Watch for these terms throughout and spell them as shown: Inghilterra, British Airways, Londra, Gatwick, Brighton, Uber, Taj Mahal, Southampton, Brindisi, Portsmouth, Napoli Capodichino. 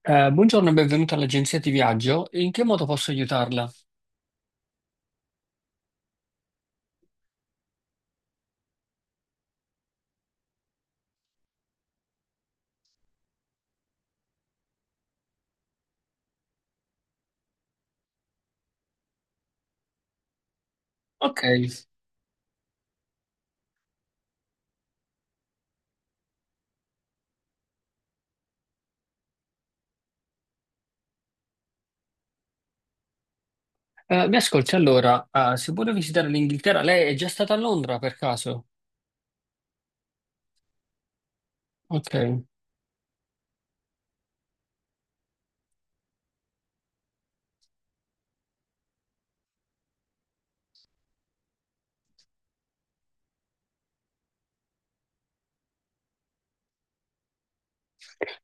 Buongiorno e benvenuta all'agenzia di viaggio. In che modo posso aiutarla? Ok. Mi ascolti allora, se vuole visitare l'Inghilterra, lei è già stata a Londra per caso? Ok.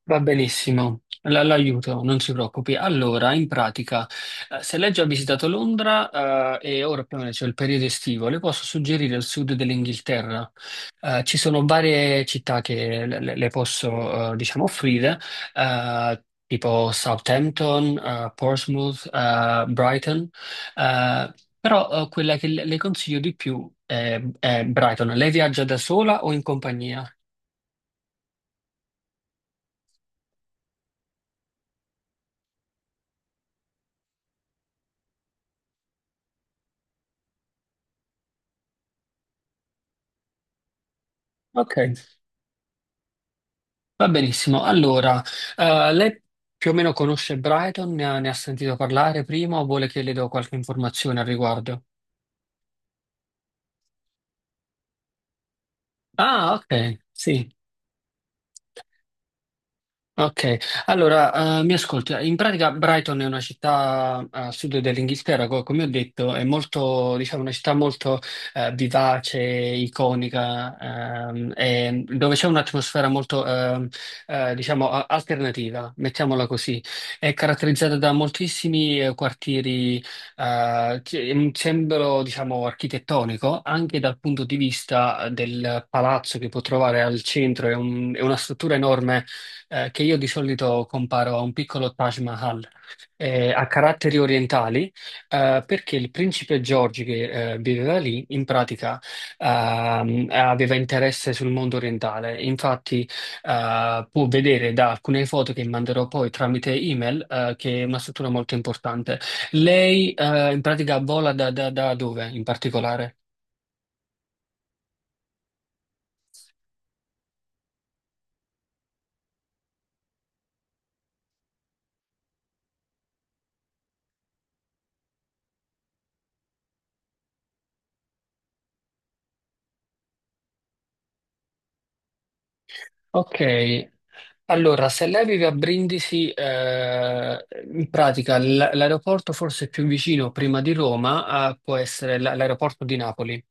Va benissimo, l'aiuto, non si preoccupi. Allora, in pratica, se lei già ha visitato Londra, e ora più o meno c'è il periodo estivo, le posso suggerire il sud dell'Inghilterra. Ci sono varie città che le posso, diciamo, offrire, tipo Southampton, Portsmouth, Brighton, eh, però, quella che le consiglio di più è Brighton. Lei viaggia da sola o in compagnia? Ok. Va benissimo. Allora, lei più o meno conosce Brighton, ne ha sentito parlare prima o vuole che le do qualche informazione al riguardo? Ah, ok, sì. Ok, mi ascolta. In pratica Brighton è una città a sud dell'Inghilterra, come ho detto, è molto, diciamo, una città molto vivace, iconica, e dove c'è un'atmosfera molto, diciamo, alternativa, mettiamola così. È caratterizzata da moltissimi quartieri, che- un sembro, diciamo, architettonico, anche dal punto di vista del palazzo che può trovare al centro, è è una struttura enorme che io di solito comparo a un piccolo Taj Mahal a caratteri orientali, perché il principe George che viveva lì, in pratica aveva interesse sul mondo orientale. Infatti, può vedere da alcune foto che manderò poi tramite email, che è una struttura molto importante. Lei, in pratica vola da dove in particolare? Ok. Allora, se lei vive a Brindisi, in pratica l'aeroporto forse più vicino prima di Roma, può essere l'aeroporto di Napoli,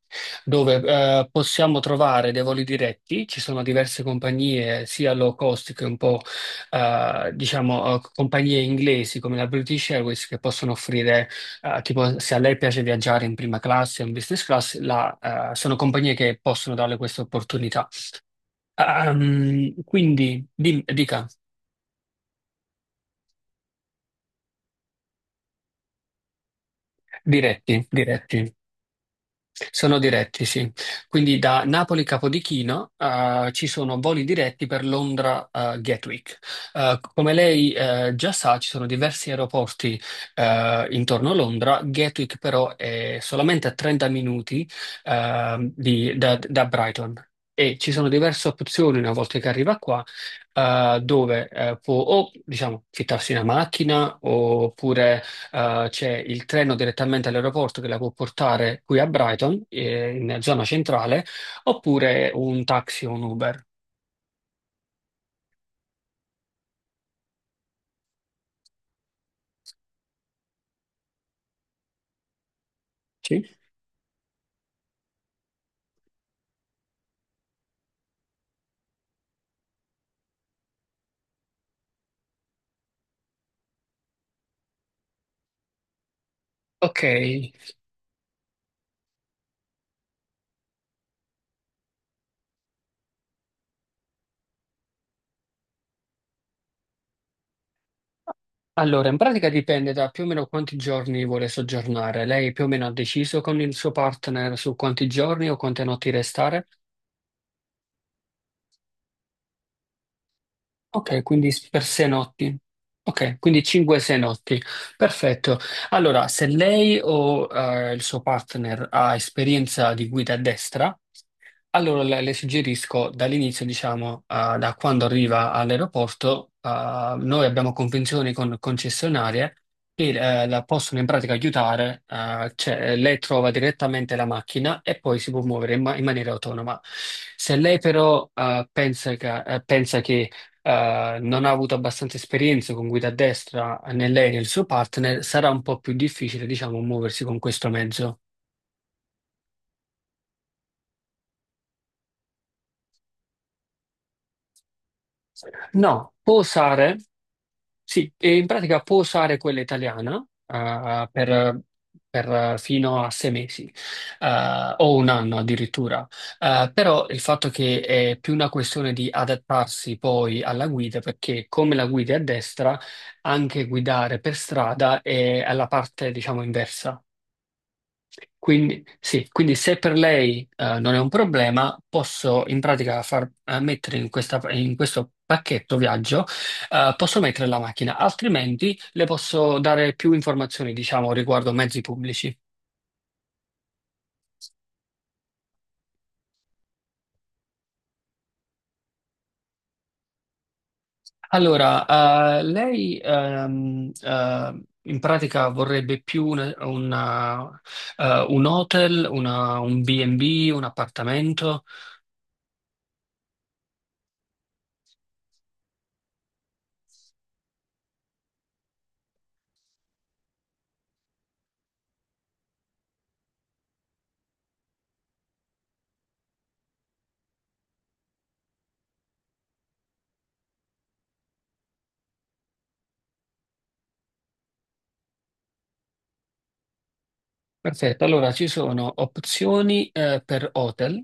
dove, possiamo trovare dei voli diretti, ci sono diverse compagnie, sia low cost che un po', diciamo, compagnie inglesi come la British Airways che possono offrire, tipo, se a lei piace viaggiare in prima classe o in business class, sono compagnie che possono darle questa opportunità. Ah, mm, quindi, dica. Diretti, diretti, sono diretti, sì. Quindi da Napoli Capodichino ci sono voli diretti per Londra Gatwick. Come lei già sa, ci sono diversi aeroporti intorno a Londra. Gatwick però è solamente a 30 minuti da Brighton. E ci sono diverse opzioni una volta che arriva qua, dove può, o diciamo, fittarsi una macchina, oppure c'è il treno direttamente all'aeroporto che la può portare qui a Brighton, in zona centrale, oppure un taxi o un Uber. Sì. Ok, allora in pratica dipende da più o meno quanti giorni vuole soggiornare. Lei più o meno ha deciso con il suo partner su quanti giorni o quante notti restare? Ok, quindi per sei notti. Ok, quindi 5-6 notti. Perfetto. Allora, se lei o, il suo partner ha esperienza di guida a destra, allora le suggerisco dall'inizio, diciamo, da quando arriva all'aeroporto, noi abbiamo convenzioni con concessionarie che, la possono in pratica aiutare, cioè lei trova direttamente la macchina e poi si può muovere in, in maniera autonoma. Se lei però, pensa che, non ha avuto abbastanza esperienza con guida a destra né lei né il suo partner, sarà un po' più difficile, diciamo, muoversi con questo mezzo. No, può usare. Sì, e in pratica può usare quella italiana, per fino a sei mesi, o un anno addirittura. Però il fatto che è più una questione di adattarsi poi alla guida, perché come la guida è a destra, anche guidare per strada è alla parte, diciamo, inversa. Quindi, sì, quindi se per lei, non è un problema, posso in pratica far, mettere in in questo pacchetto viaggio, posso mettere la macchina, altrimenti le posso dare più informazioni, diciamo, riguardo mezzi pubblici. Allora, lei in pratica vorrebbe più una, un hotel, un B&B, un appartamento? Perfetto, allora ci sono opzioni per hotel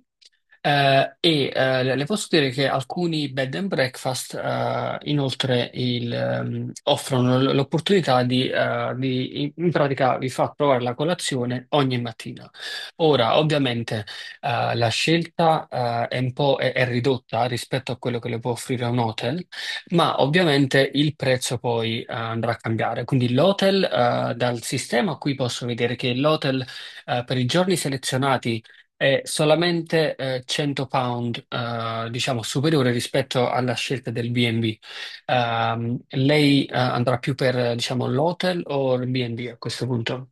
le posso dire che alcuni bed and breakfast, inoltre il, offrono l'opportunità di, in pratica vi fa provare la colazione ogni mattina. Ora, ovviamente, la scelta è un po' è ridotta rispetto a quello che le può offrire un hotel, ma ovviamente il prezzo poi, andrà a cambiare, quindi l'hotel, dal sistema qui posso vedere che l'hotel, per i giorni selezionati è solamente, 100 pound, diciamo superiore rispetto alla scelta del B&B. Lei, andrà più per, diciamo l'hotel o il B&B a questo punto?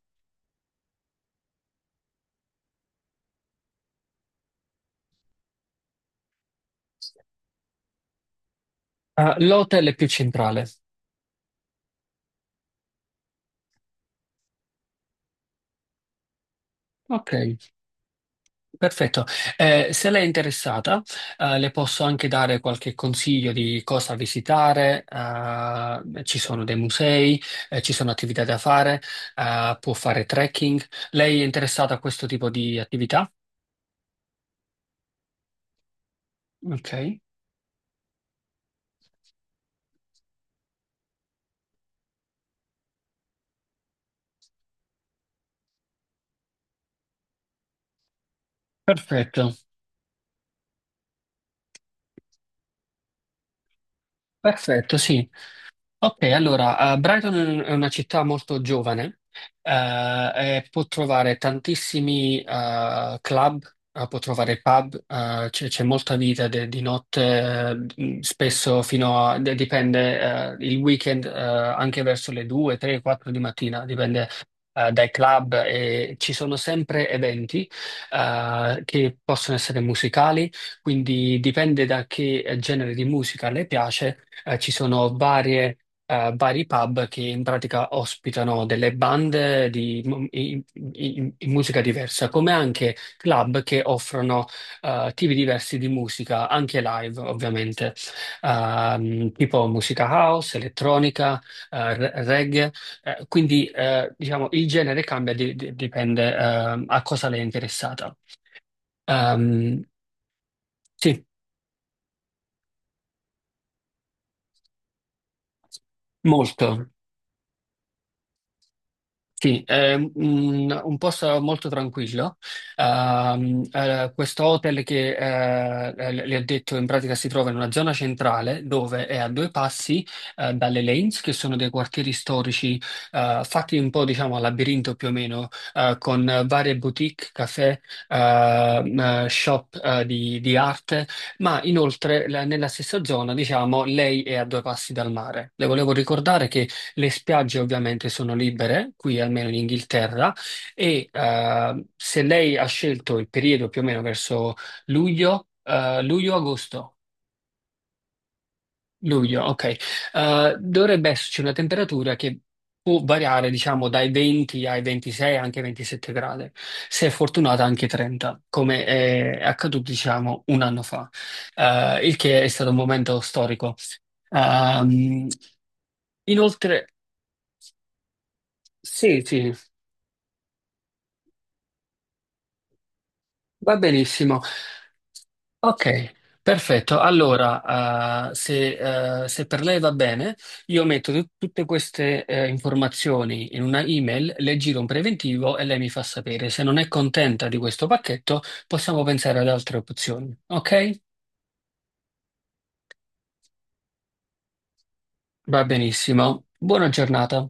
Ah, l'hotel è più centrale. Ok. Perfetto. Se lei è interessata, le posso anche dare qualche consiglio di cosa visitare. Ci sono dei musei, ci sono attività da fare, può fare trekking. Lei è interessata a questo tipo di attività? Ok, perfetto, perfetto, sì. Ok, allora, Brighton è una città molto giovane, eh, e può trovare tantissimi, club, può trovare pub, c'è molta vita di notte, spesso fino a, dipende, il weekend, anche verso le 2, 3, 4 di mattina, dipende, dai club, e ci sono sempre eventi che possono essere musicali, quindi dipende da che genere di musica le piace. Ci sono varie, vari pub che in pratica ospitano delle bande di in musica diversa, come anche club che offrono, tipi diversi di musica, anche live ovviamente, tipo musica house, elettronica, reggae, quindi, diciamo il genere cambia, dipende, a cosa lei è interessata. Ehm, sì, molto. Sì, è un posto molto tranquillo. Questo hotel che, le ho detto, in pratica si trova in una zona centrale dove è a due passi dalle Lanes, che sono dei quartieri storici fatti un po', diciamo, a labirinto più o meno, con varie boutique, caffè, ehm, shop, di arte, ma inoltre nella stessa zona, diciamo, lei è a due passi dal mare. Le volevo ricordare che le spiagge ovviamente sono libere, qui almeno in Inghilterra, e, se lei ha scelto il periodo più o meno verso luglio, luglio-agosto, luglio, ok, dovrebbe esserci una temperatura che può variare, diciamo, dai 20 ai 26, anche 27 gradi, se è fortunata anche 30, come è accaduto, diciamo, un anno fa, il che è stato un momento storico. Ehm, Inoltre, sì, sì, va benissimo. Ok, perfetto. Allora, se per lei va bene, io metto tutte queste, informazioni in una email, le giro un preventivo e lei mi fa sapere. Se non è contenta di questo pacchetto, possiamo pensare ad altre opzioni. Ok? Va benissimo. Buona giornata.